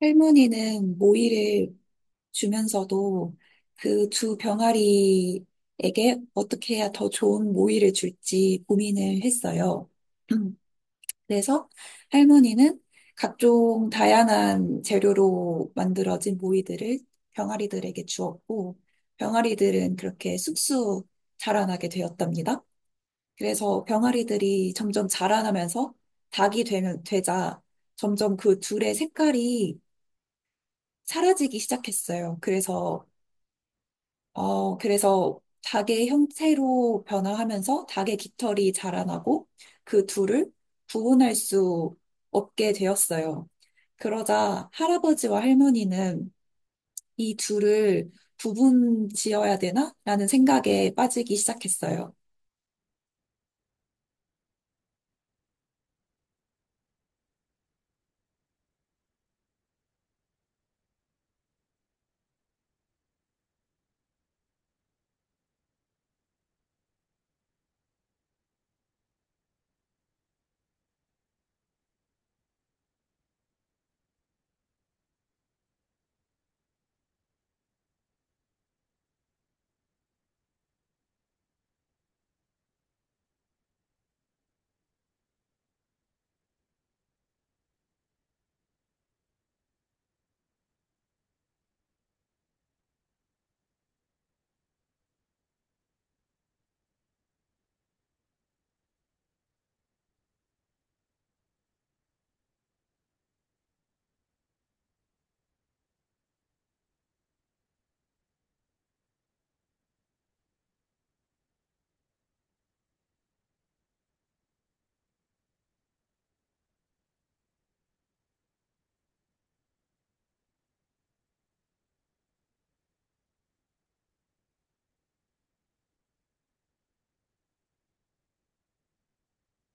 할머니는 모이를 주면서도 그 두 병아리에게 어떻게 해야 더 좋은 모이를 줄지 고민을 했어요. 그래서 할머니는 각종 다양한 재료로 만들어진 모이들을 병아리들에게 주었고, 병아리들은 그렇게 쑥쑥 자라나게 되었답니다. 그래서 병아리들이 점점 자라나면서 닭이 되자 점점 그 둘의 색깔이 사라지기 시작했어요. 그래서 닭의 형태로 변화하면서 닭의 깃털이 자라나고 그 둘을 구분할 수 없게 되었어요. 그러자 할아버지와 할머니는 이 둘을 구분 지어야 되나? 라는 생각에 빠지기 시작했어요.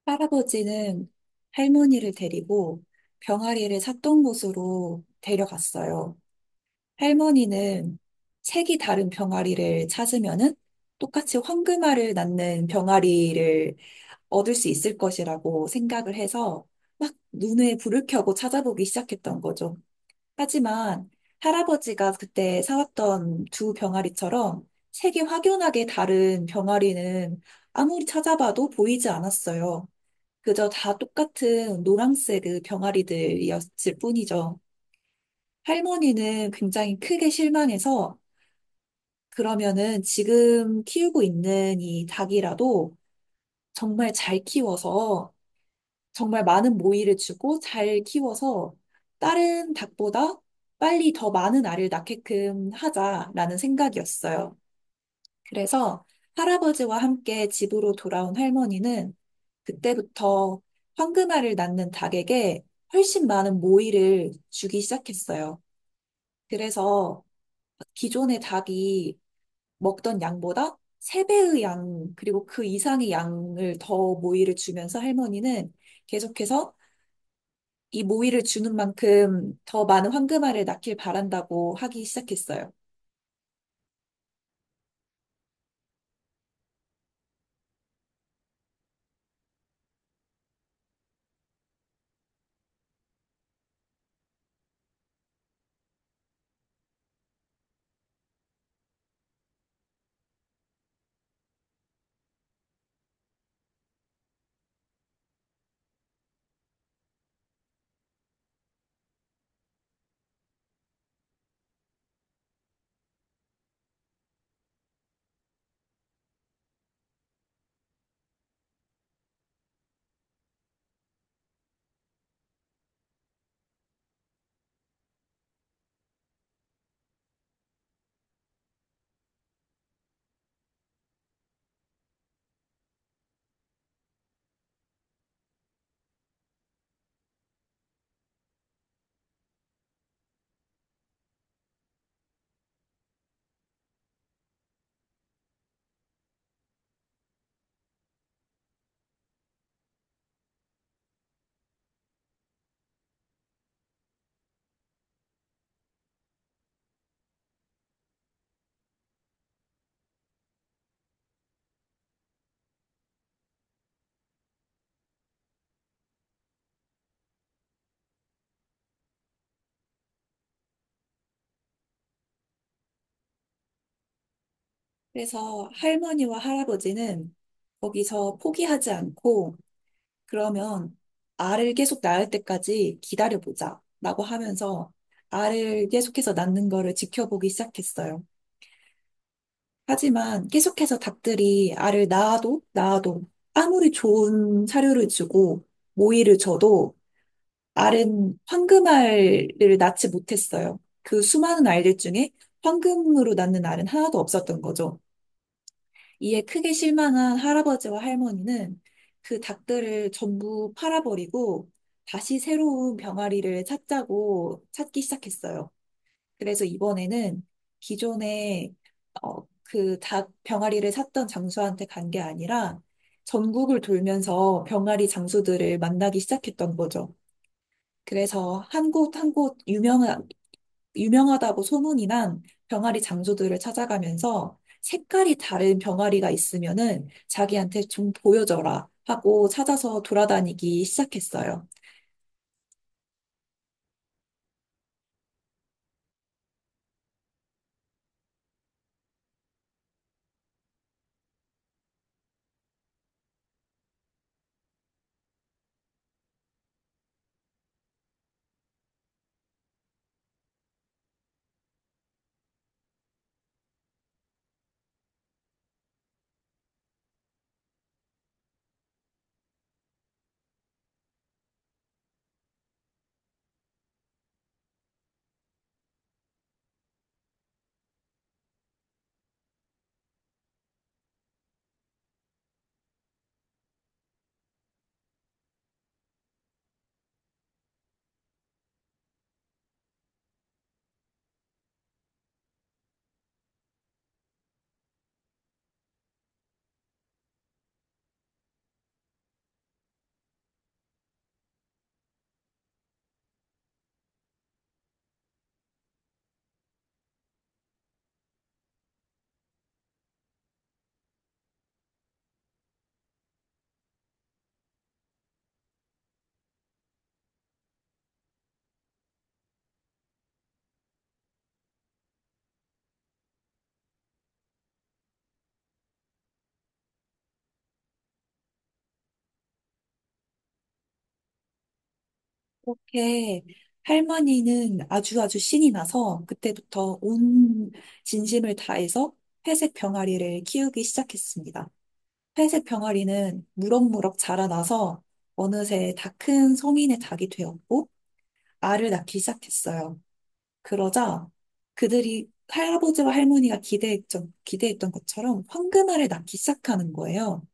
할아버지는 할머니를 데리고 병아리를 샀던 곳으로 데려갔어요. 할머니는 색이 다른 병아리를 찾으면은 똑같이 황금알을 낳는 병아리를 얻을 수 있을 것이라고 생각을 해서 막 눈에 불을 켜고 찾아보기 시작했던 거죠. 하지만 할아버지가 그때 사왔던 두 병아리처럼 색이 확연하게 다른 병아리는 아무리 찾아봐도 보이지 않았어요. 그저 다 똑같은 노란색 그 병아리들이었을 뿐이죠. 할머니는 굉장히 크게 실망해서 그러면은 지금 키우고 있는 이 닭이라도 정말 잘 키워서 정말 많은 모이를 주고 잘 키워서 다른 닭보다 빨리 더 많은 알을 낳게끔 하자라는 생각이었어요. 그래서 할아버지와 함께 집으로 돌아온 할머니는 그때부터 황금알을 낳는 닭에게 훨씬 많은 모이를 주기 시작했어요. 그래서 기존의 닭이 먹던 양보다 세배의 양, 그리고 그 이상의 양을 더 모이를 주면서 할머니는 계속해서 이 모이를 주는 만큼 더 많은 황금알을 낳길 바란다고 하기 시작했어요. 그래서 할머니와 할아버지는 거기서 포기하지 않고 그러면 알을 계속 낳을 때까지 기다려보자 라고 하면서 알을 계속해서 낳는 거를 지켜보기 시작했어요. 하지만 계속해서 닭들이 알을 낳아도 낳아도 아무리 좋은 사료를 주고 모이를 줘도 알은 황금알을 낳지 못했어요. 그 수많은 알들 중에 황금으로 낳는 알은 하나도 없었던 거죠. 이에 크게 실망한 할아버지와 할머니는 그 닭들을 전부 팔아버리고 다시 새로운 병아리를 찾자고 찾기 시작했어요. 그래서 이번에는 기존에 그 닭 병아리를 샀던 장수한테 간 게 아니라 전국을 돌면서 병아리 장수들을 만나기 시작했던 거죠. 그래서 한 곳 한 곳 유명하다고 소문이 난 병아리 장수들을 찾아가면서 색깔이 다른 병아리가 있으면은 자기한테 좀 보여줘라 하고 찾아서 돌아다니기 시작했어요. 그렇게 할머니는 아주 아주 신이 나서 그때부터 온 진심을 다해서 회색 병아리를 키우기 시작했습니다. 회색 병아리는 무럭무럭 자라나서 어느새 다 큰 성인의 닭이 되었고 알을 낳기 시작했어요. 그러자 그들이 할아버지와 할머니가 기대했던 것처럼 황금알을 낳기 시작하는 거예요.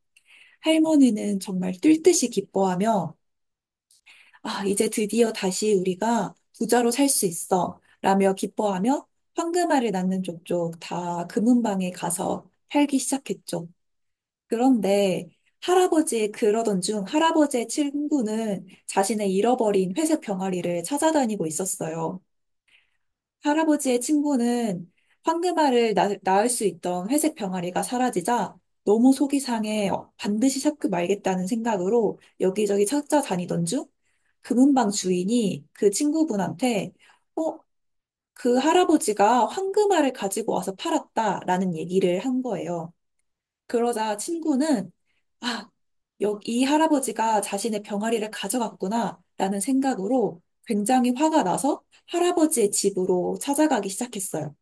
할머니는 정말 뛸 듯이 기뻐하며 아, 이제 드디어 다시 우리가 부자로 살 수 있어. 라며 기뻐하며 황금알을 낳는 족족 다 금은방에 가서 살기 시작했죠. 그런데 할아버지의 그러던 중 할아버지의 친구는 자신의 잃어버린 회색 병아리를 찾아다니고 있었어요. 할아버지의 친구는 황금알을 낳을 수 있던 회색 병아리가 사라지자 너무 속이 상해 반드시 찾고 말겠다는 생각으로 여기저기 찾아다니던 중 금은방 주인이 그 친구분한테 어, 그 할아버지가 황금알을 가지고 와서 팔았다라는 얘기를 한 거예요. 그러자 친구는 아, 여기 이 할아버지가 자신의 병아리를 가져갔구나 라는 생각으로 굉장히 화가 나서 할아버지의 집으로 찾아가기 시작했어요.